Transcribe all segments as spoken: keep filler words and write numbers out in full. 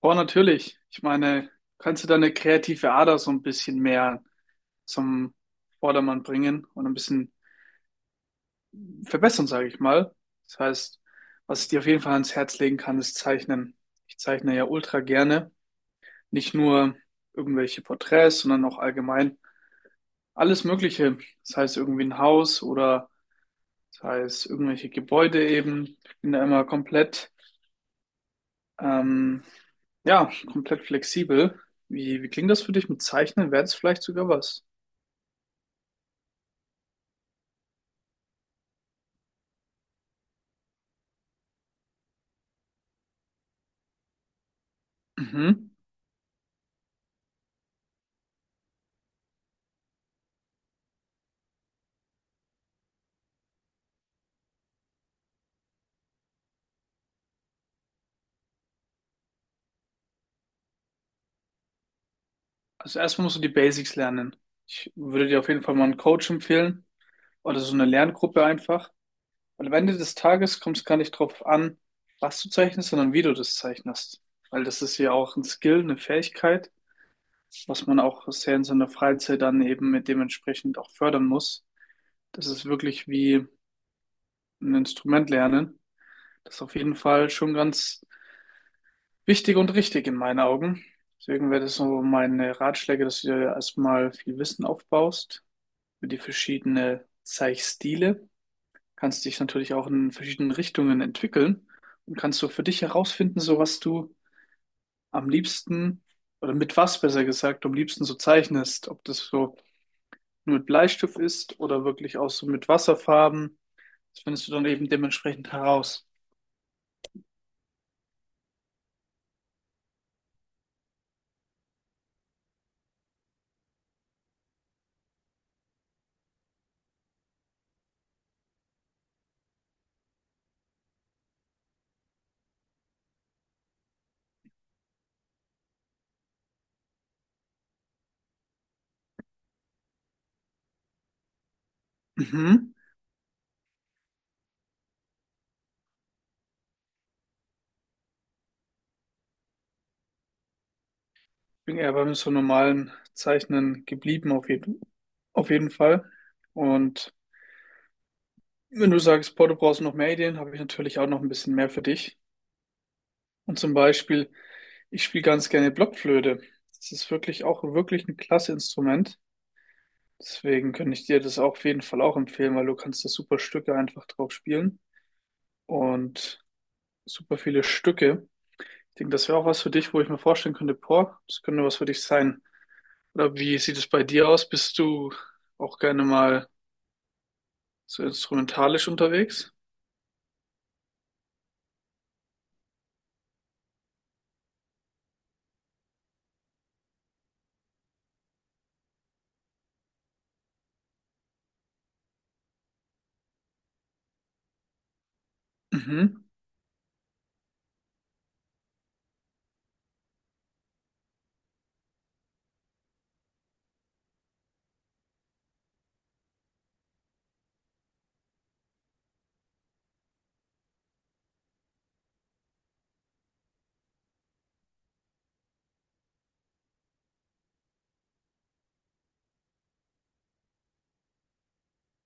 Boah, natürlich. Ich meine, kannst du deine kreative Ader so ein bisschen mehr zum Vordermann bringen und ein bisschen verbessern, sage ich mal. Das heißt, was ich dir auf jeden Fall ans Herz legen kann, ist Zeichnen. Ich zeichne ja ultra gerne. Nicht nur irgendwelche Porträts, sondern auch allgemein alles Mögliche. Das heißt irgendwie ein Haus oder das heißt irgendwelche Gebäude eben. Ich bin da immer komplett, ähm, ja, komplett flexibel. Wie, wie klingt das für dich mit Zeichnen? Wäre das vielleicht sogar was? Mhm. Also erstmal musst du die Basics lernen. Ich würde dir auf jeden Fall mal einen Coach empfehlen oder so eine Lerngruppe einfach. Weil am Ende des Tages kommt es gar nicht drauf an, was du zeichnest, sondern wie du das zeichnest. Weil das ist ja auch ein Skill, eine Fähigkeit, was man auch sehr in seiner Freizeit dann eben mit dementsprechend auch fördern muss. Das ist wirklich wie ein Instrument lernen. Das ist auf jeden Fall schon ganz wichtig und richtig in meinen Augen. Deswegen wäre das so meine Ratschläge, dass du dir erstmal viel Wissen aufbaust für die verschiedenen Zeichenstile, kannst dich natürlich auch in verschiedenen Richtungen entwickeln und kannst so für dich herausfinden, so was du am liebsten oder mit was besser gesagt du am liebsten so zeichnest, ob das so nur mit Bleistift ist oder wirklich auch so mit Wasserfarben. Das findest du dann eben dementsprechend heraus. Mhm. Ich bin eher beim so normalen Zeichnen geblieben auf jeden, auf jeden Fall. Und wenn du sagst, boah, du brauchst noch mehr Ideen, habe ich natürlich auch noch ein bisschen mehr für dich. Und zum Beispiel ich spiele ganz gerne Blockflöte. Das ist wirklich auch wirklich ein klasse Instrument. Deswegen könnte ich dir das auch auf jeden Fall auch empfehlen, weil du kannst da super Stücke einfach drauf spielen und super viele Stücke. Ich denke, das wäre auch was für dich, wo ich mir vorstellen könnte, boah, das könnte was für dich sein. Oder wie sieht es bei dir aus? Bist du auch gerne mal so instrumentalisch unterwegs? Mhm.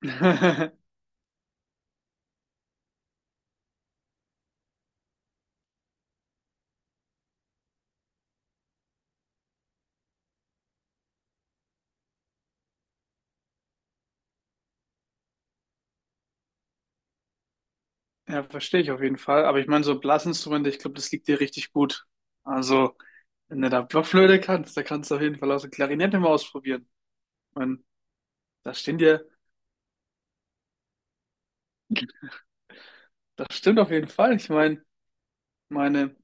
Ja, verstehe ich auf jeden Fall. Aber ich meine, so Blasinstrumente, ich glaube, das liegt dir richtig gut. Also wenn du da Blockflöte kannst, da kannst du auf jeden Fall auch so Klarinette mal ausprobieren. Ich meine, da stehen dir, das stimmt auf jeden Fall. Ich meine, meine,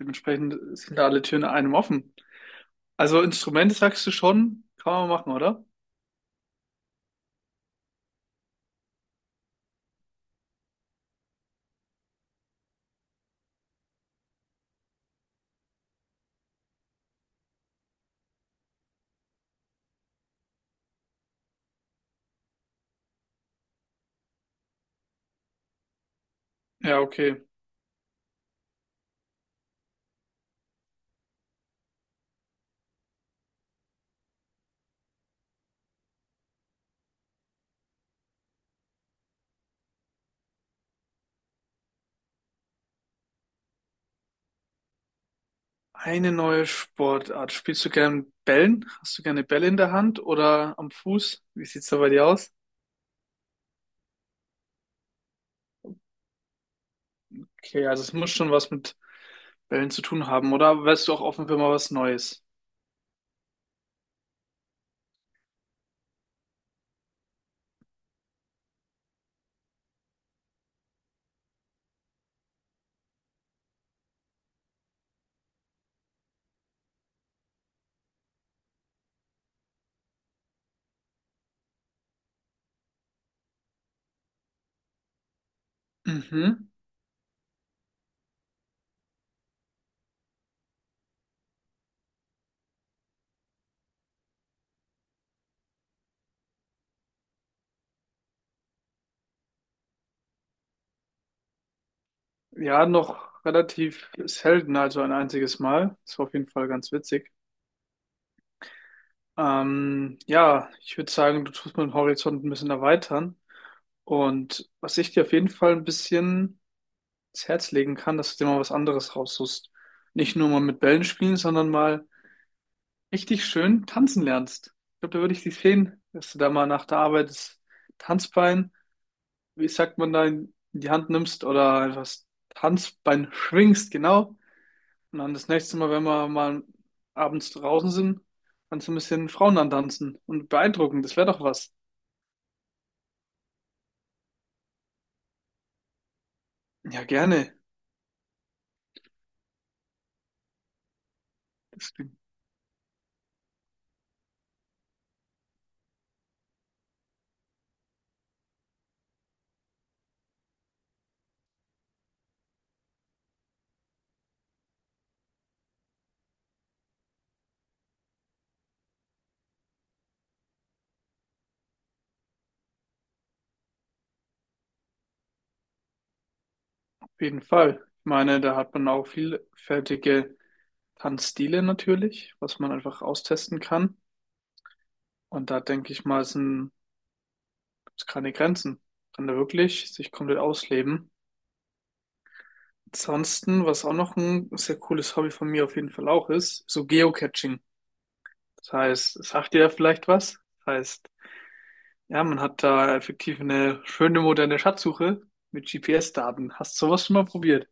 dementsprechend sind da alle Türen einem offen. Also Instrumente sagst du schon, kann man machen, oder? Ja, okay. Eine neue Sportart. Spielst du gern Bällen? Hast du gerne Bälle in der Hand oder am Fuß? Wie sieht's da bei dir aus? Okay, also es muss schon was mit Bällen zu tun haben, oder? Wärst du auch offen für mal was Neues? Mhm. Ja, noch relativ selten, also ein einziges Mal. Das war auf jeden Fall ganz witzig. Ähm, ja, ich würde sagen, du tust meinen Horizont ein bisschen erweitern. Und was ich dir auf jeden Fall ein bisschen ins Herz legen kann, dass du dir mal was anderes raussuchst. Nicht nur mal mit Bällen spielen, sondern mal richtig schön tanzen lernst. Ich glaube, da würde ich dich sehen, dass du da mal nach der Arbeit das Tanzbein, wie sagt man da, in die Hand nimmst oder einfach das Tanzbein schwingst, genau. Und dann das nächste Mal, wenn wir mal abends draußen sind, dann so ein bisschen Frauen antanzen und beeindrucken. Das wäre doch was. Ja, gerne. Das klingt auf jeden Fall. Ich meine, da hat man auch vielfältige Tanzstile natürlich, was man einfach austesten kann. Und da denke ich mal, sind sind keine Grenzen. Kann da wirklich sich komplett ausleben. Ansonsten, was auch noch ein sehr cooles Hobby von mir auf jeden Fall auch ist, so Geocaching. Das heißt, es sagt dir ja vielleicht was. Das heißt, ja, man hat da effektiv eine schöne moderne Schatzsuche mit G P S-Daten. Hast du sowas schon mal probiert?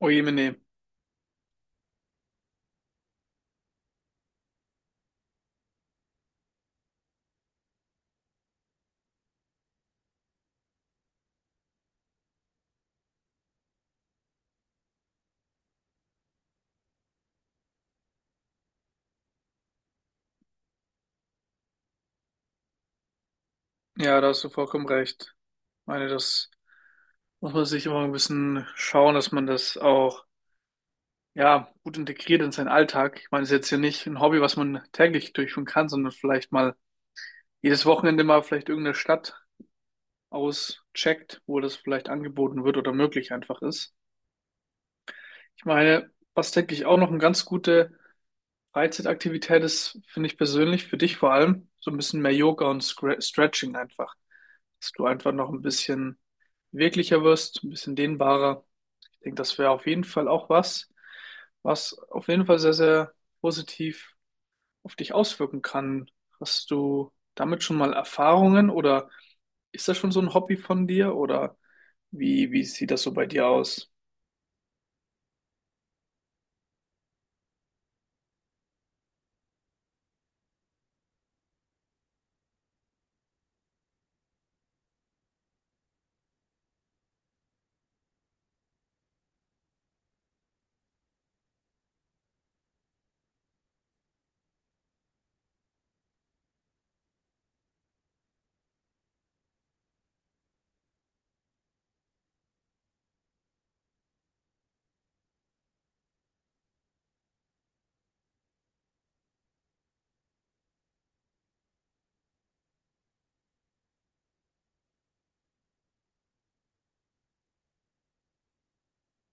Oh je, nee. Ja, da hast du vollkommen recht. Ich meine, das muss man sich immer ein bisschen schauen, dass man das auch, ja, gut integriert in seinen Alltag. Ich meine, es ist jetzt ja nicht ein Hobby, was man täglich durchführen kann, sondern vielleicht mal jedes Wochenende mal vielleicht irgendeine Stadt auscheckt, wo das vielleicht angeboten wird oder möglich einfach ist. Ich meine, was denke ich auch noch eine ganz gute Freizeitaktivität ist, finde ich persönlich, für dich vor allem so ein bisschen mehr Yoga und Scra- Stretching einfach. Dass du einfach noch ein bisschen beweglicher wirst, ein bisschen dehnbarer. Ich denke, das wäre auf jeden Fall auch was, was auf jeden Fall sehr, sehr positiv auf dich auswirken kann. Hast du damit schon mal Erfahrungen oder ist das schon so ein Hobby von dir oder wie, wie sieht das so bei dir aus?